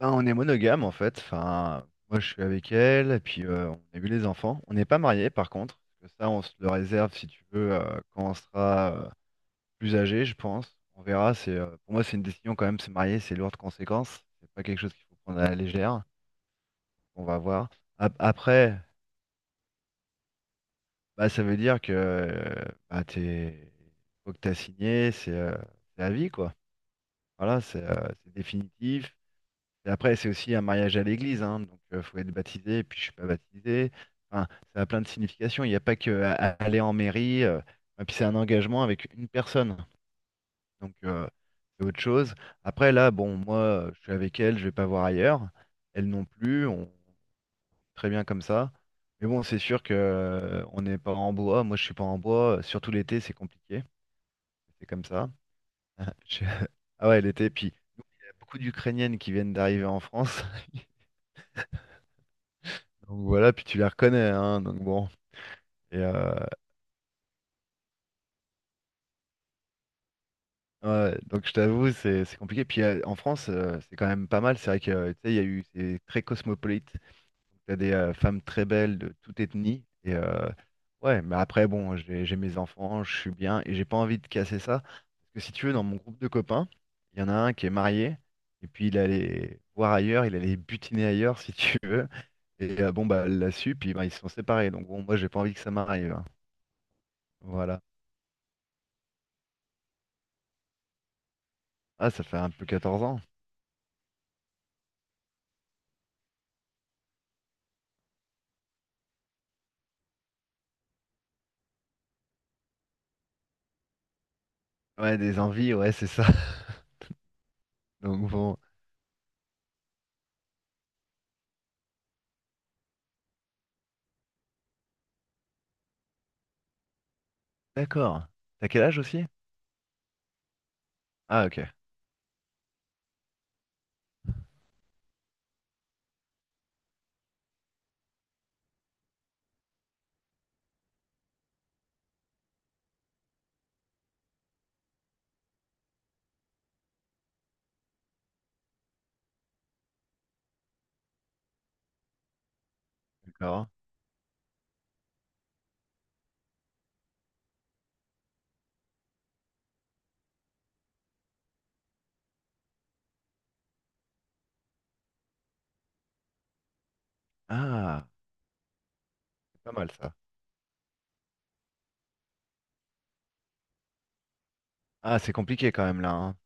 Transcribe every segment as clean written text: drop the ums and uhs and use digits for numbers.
Ben, on est monogame en fait. Enfin, moi je suis avec elle, et puis on a eu les enfants. On n'est pas mariés par contre, parce que ça on se le réserve si tu veux quand on sera plus âgé, je pense. On verra. C'est Pour moi c'est une décision quand même. Se marier, c'est lourd de conséquences. C'est pas quelque chose qu'il faut prendre à la légère. On va voir. Après, bah ça veut dire que bah, t'es faut que t'as signé, c'est la vie quoi. Voilà, c'est définitif. Et après, c'est aussi un mariage à l'église, hein, donc il faut être baptisé, et puis je suis pas baptisé. Enfin, ça a plein de significations. Il n'y a pas que à aller en mairie. Et puis c'est un engagement avec une personne. Donc, c'est autre chose. Après, là, bon, moi, je suis avec elle, je vais pas voir ailleurs. Elle non plus, on très bien comme ça. Mais bon, c'est sûr que on n'est pas en bois. Moi, je suis pas en bois. Surtout l'été, c'est compliqué. C'est comme ça. Je- Ah ouais, l'été, puis il y a beaucoup d'Ukrainiennes qui viennent d'arriver en France. Donc voilà, puis tu les reconnais, hein, donc bon. Et ouais, donc je t'avoue, c'est compliqué. Puis en France, c'est quand même pas mal. C'est vrai que tu sais, il y a eu c'est très cosmopolite. T'as des femmes très belles de toute ethnie. Et ouais, mais après bon, j'ai mes enfants, je suis bien et j'ai pas envie de casser ça. Parce que si tu veux, dans mon groupe de copains, il y en a un qui est marié et puis il allait voir ailleurs, il allait butiner ailleurs si tu veux. Et bon bah elle l'a su, puis bah, ils se sont séparés. Donc bon, moi j'ai pas envie que ça m'arrive, hein. Voilà. Ah, ça fait un peu 14 ans. Ouais, des envies, ouais, c'est ça. Donc bon, d'accord. T'as quel âge aussi? Ah, ok, d'accord. Ah, c'est pas mal ça. Ah, c'est compliqué quand même là, hein.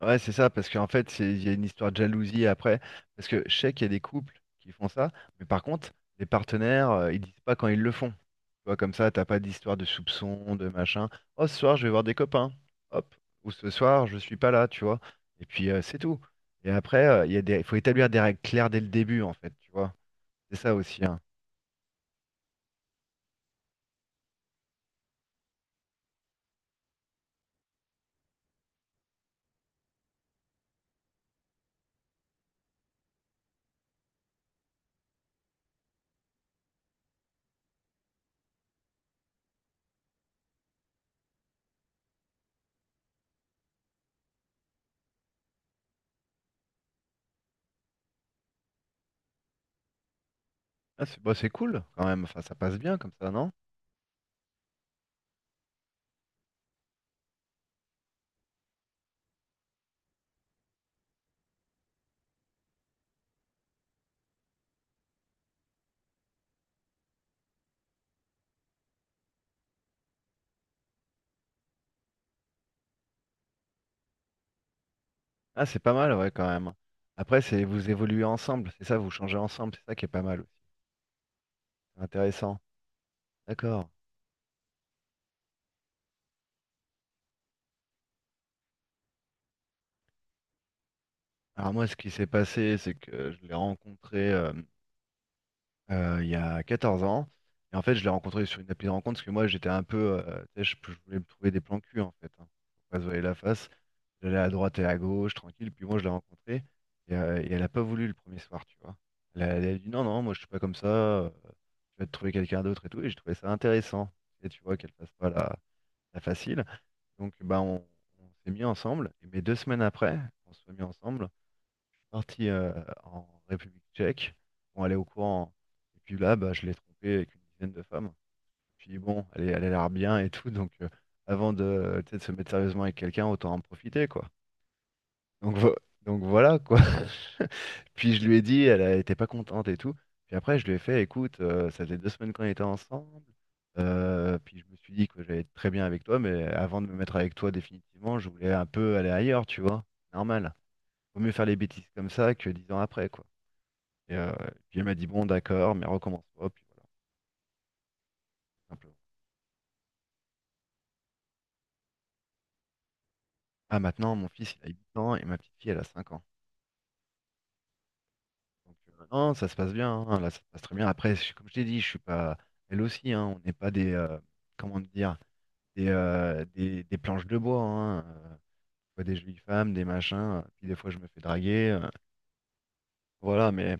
Ouais, c'est ça, parce qu'en fait, il y a une histoire de jalousie après. Parce que je sais qu'il y a des couples qui font ça, mais par contre, les partenaires, ils disent pas quand ils le font. Tu vois, comme ça, t'as pas d'histoire de soupçon, de machin. Oh, ce soir, je vais voir des copains. Hop. Ou ce soir, je suis pas là, tu vois. Et puis c'est tout. Et après, il faut établir des règles claires dès le début, en fait, tu vois. C'est ça aussi, hein. Ah, c'est bah, c'est cool quand même, enfin ça passe bien comme ça, non? Ah, c'est pas mal, ouais, quand même. Après, c'est vous évoluez ensemble, c'est ça, vous changez ensemble, c'est ça qui est pas mal aussi. C'est intéressant. D'accord. Alors moi, ce qui s'est passé, c'est que je l'ai rencontré il y a 14 ans. Et en fait, je l'ai rencontré sur une appli de rencontre parce que moi, j'étais un peu, tu sais, je voulais me trouver des plans cul, en fait. Hein, pour pas se voiler la face. J'allais à droite et à gauche, tranquille. Puis moi, je l'ai rencontrée. Et elle a pas voulu le premier soir, tu vois. Elle a dit non, non, moi, je suis pas comme ça. Je vais te trouver quelqu'un d'autre et tout. Et j'ai trouvé ça intéressant. Et tu vois, qu'elle fasse pas la facile. Donc, bah, on s'est mis ensemble. Et mais 2 semaines après, on se soit mis ensemble parti en République tchèque. On allait au courant. Et puis là, bah, je l'ai trompée avec une dizaine de femmes. Puis bon, elle, elle a l'air bien et tout. Donc, avant de, tu sais, de se mettre sérieusement avec quelqu'un, autant en profiter, quoi. Donc, vo- donc, voilà, quoi. Puis je lui ai dit, elle n'était pas contente et tout. Puis après, je lui ai fait, écoute, ça faisait 2 semaines qu'on était ensemble. Puis je me suis dit que j'allais être très bien avec toi, mais avant de me mettre avec toi définitivement, je voulais un peu aller ailleurs, tu vois. Normal. Vaut mieux faire les bêtises comme ça que 10 ans après, quoi. Et euh, puis elle m'a dit, bon, d'accord, mais recommence pas. Puis voilà, simplement. Ah, maintenant, mon fils, il a 8 ans et ma petite fille, elle a 5 ans. Donc, non, ça se passe bien, hein, là, ça se passe très bien. Après, comme je t'ai dit, je suis pas. Elle aussi, hein, on n'est pas des. Comment dire? Des planches de bois, hein. Je vois des jolies femmes, des machins. Puis des fois, je me fais draguer. Voilà, mais.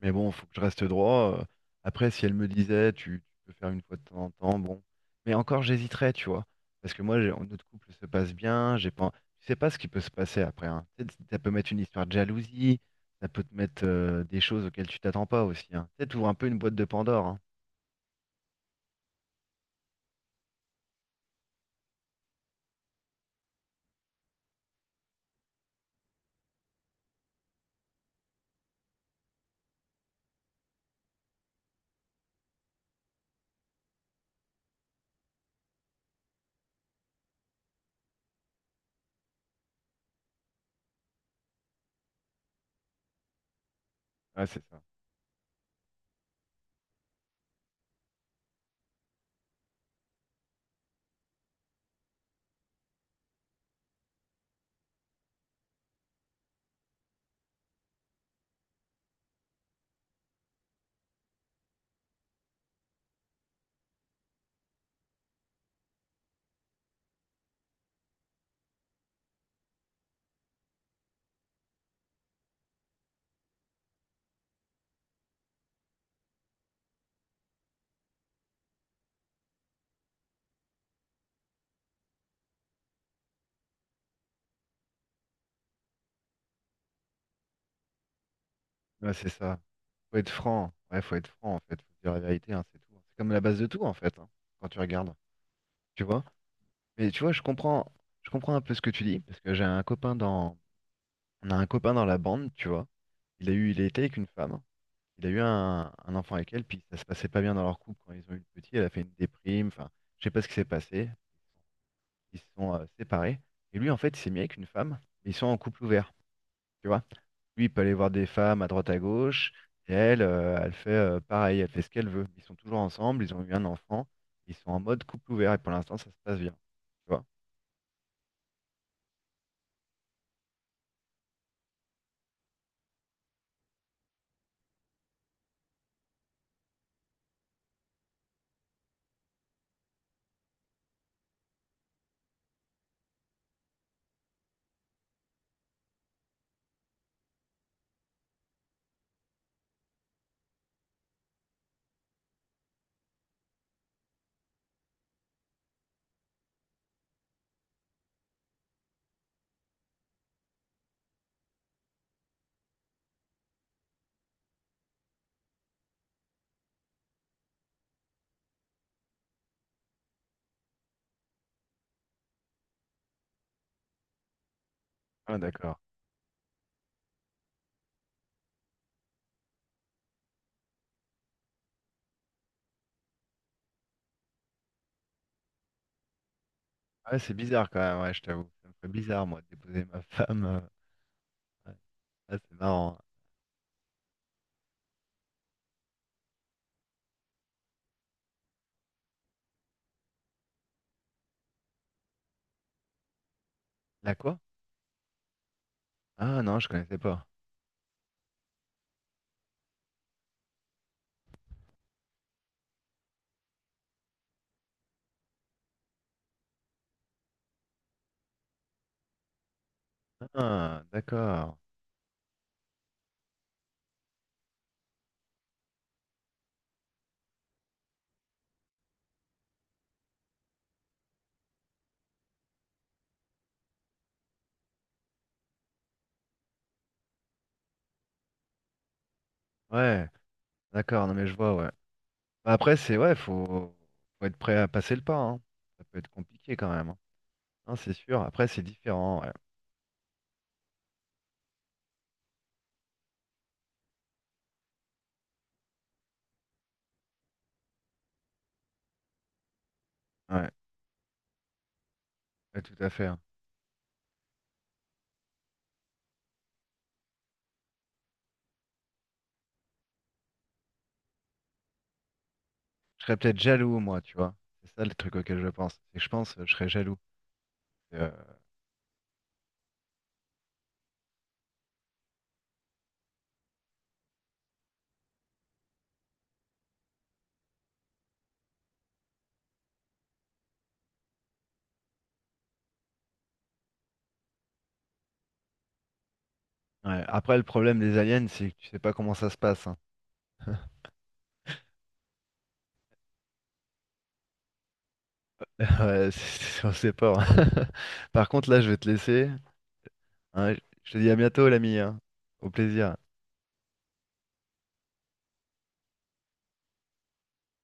Mais bon, faut que je reste droit. Après, si elle me disait, tu peux faire une fois de temps en temps, bon. Mais encore, j'hésiterais, tu vois. Parce que moi, notre couple se passe bien. J'ai pas, tu sais pas ce qui peut se passer après, hein. Tu sais, ça peut mettre une histoire de jalousie. Ça peut te mettre des choses auxquelles tu t'attends pas aussi, hein. Tu sais, t'ouvres un peu une boîte de Pandore, hein. Ouais, c'est ça. Ouais, c'est ça. Faut être franc. Ouais, faut être franc, en fait. Faut dire la vérité, hein, c'est tout, hein. C'est comme la base de tout, en fait, hein, quand tu regardes. Tu vois? Mais tu vois, je comprends un peu ce que tu dis. Parce que j'ai un copain dans On a un copain dans la bande, tu vois. Il était avec une femme. Il a eu un enfant avec elle, puis ça se passait pas bien dans leur couple quand ils ont eu le petit. Elle a fait une déprime. Enfin, je sais pas ce qui s'est passé. Ils se sont séparés. Et lui, en fait, il s'est mis avec une femme, mais ils sont en couple ouvert, tu vois. Lui, il peut aller voir des femmes à droite à gauche. Et elle fait pareil. Elle fait ce qu'elle veut. Ils sont toujours ensemble. Ils ont eu un enfant. Ils sont en mode couple ouvert. Et pour l'instant, ça se passe bien. Tu vois. Ah, d'accord. Ah, ouais, c'est bizarre quand même, ouais, je t'avoue. Ça me fait bizarre, moi, de déposer ma femme. Ouais. Ah, c'est marrant. La quoi? Ah non, je connaissais pas. Ah, d'accord. Ouais, d'accord, non mais je vois, ouais. Bah, après, c'est ouais, faut être prêt à passer le pas, hein. Ça peut être compliqué quand même, hein. Non, c'est sûr. Après, c'est différent, ouais. Ouais, ouais, tout à fait, hein. Je serais peut-être jaloux, moi, tu vois. C'est ça le truc auquel je pense. C'est que je pense, je serais jaloux. Euh, ouais. Après, le problème des aliens, c'est que tu sais pas comment ça se passe, hein. Ouais, on sait pas, hein. Par contre, là, je vais te laisser, hein. Je te dis à bientôt, l'ami, hein. Au plaisir.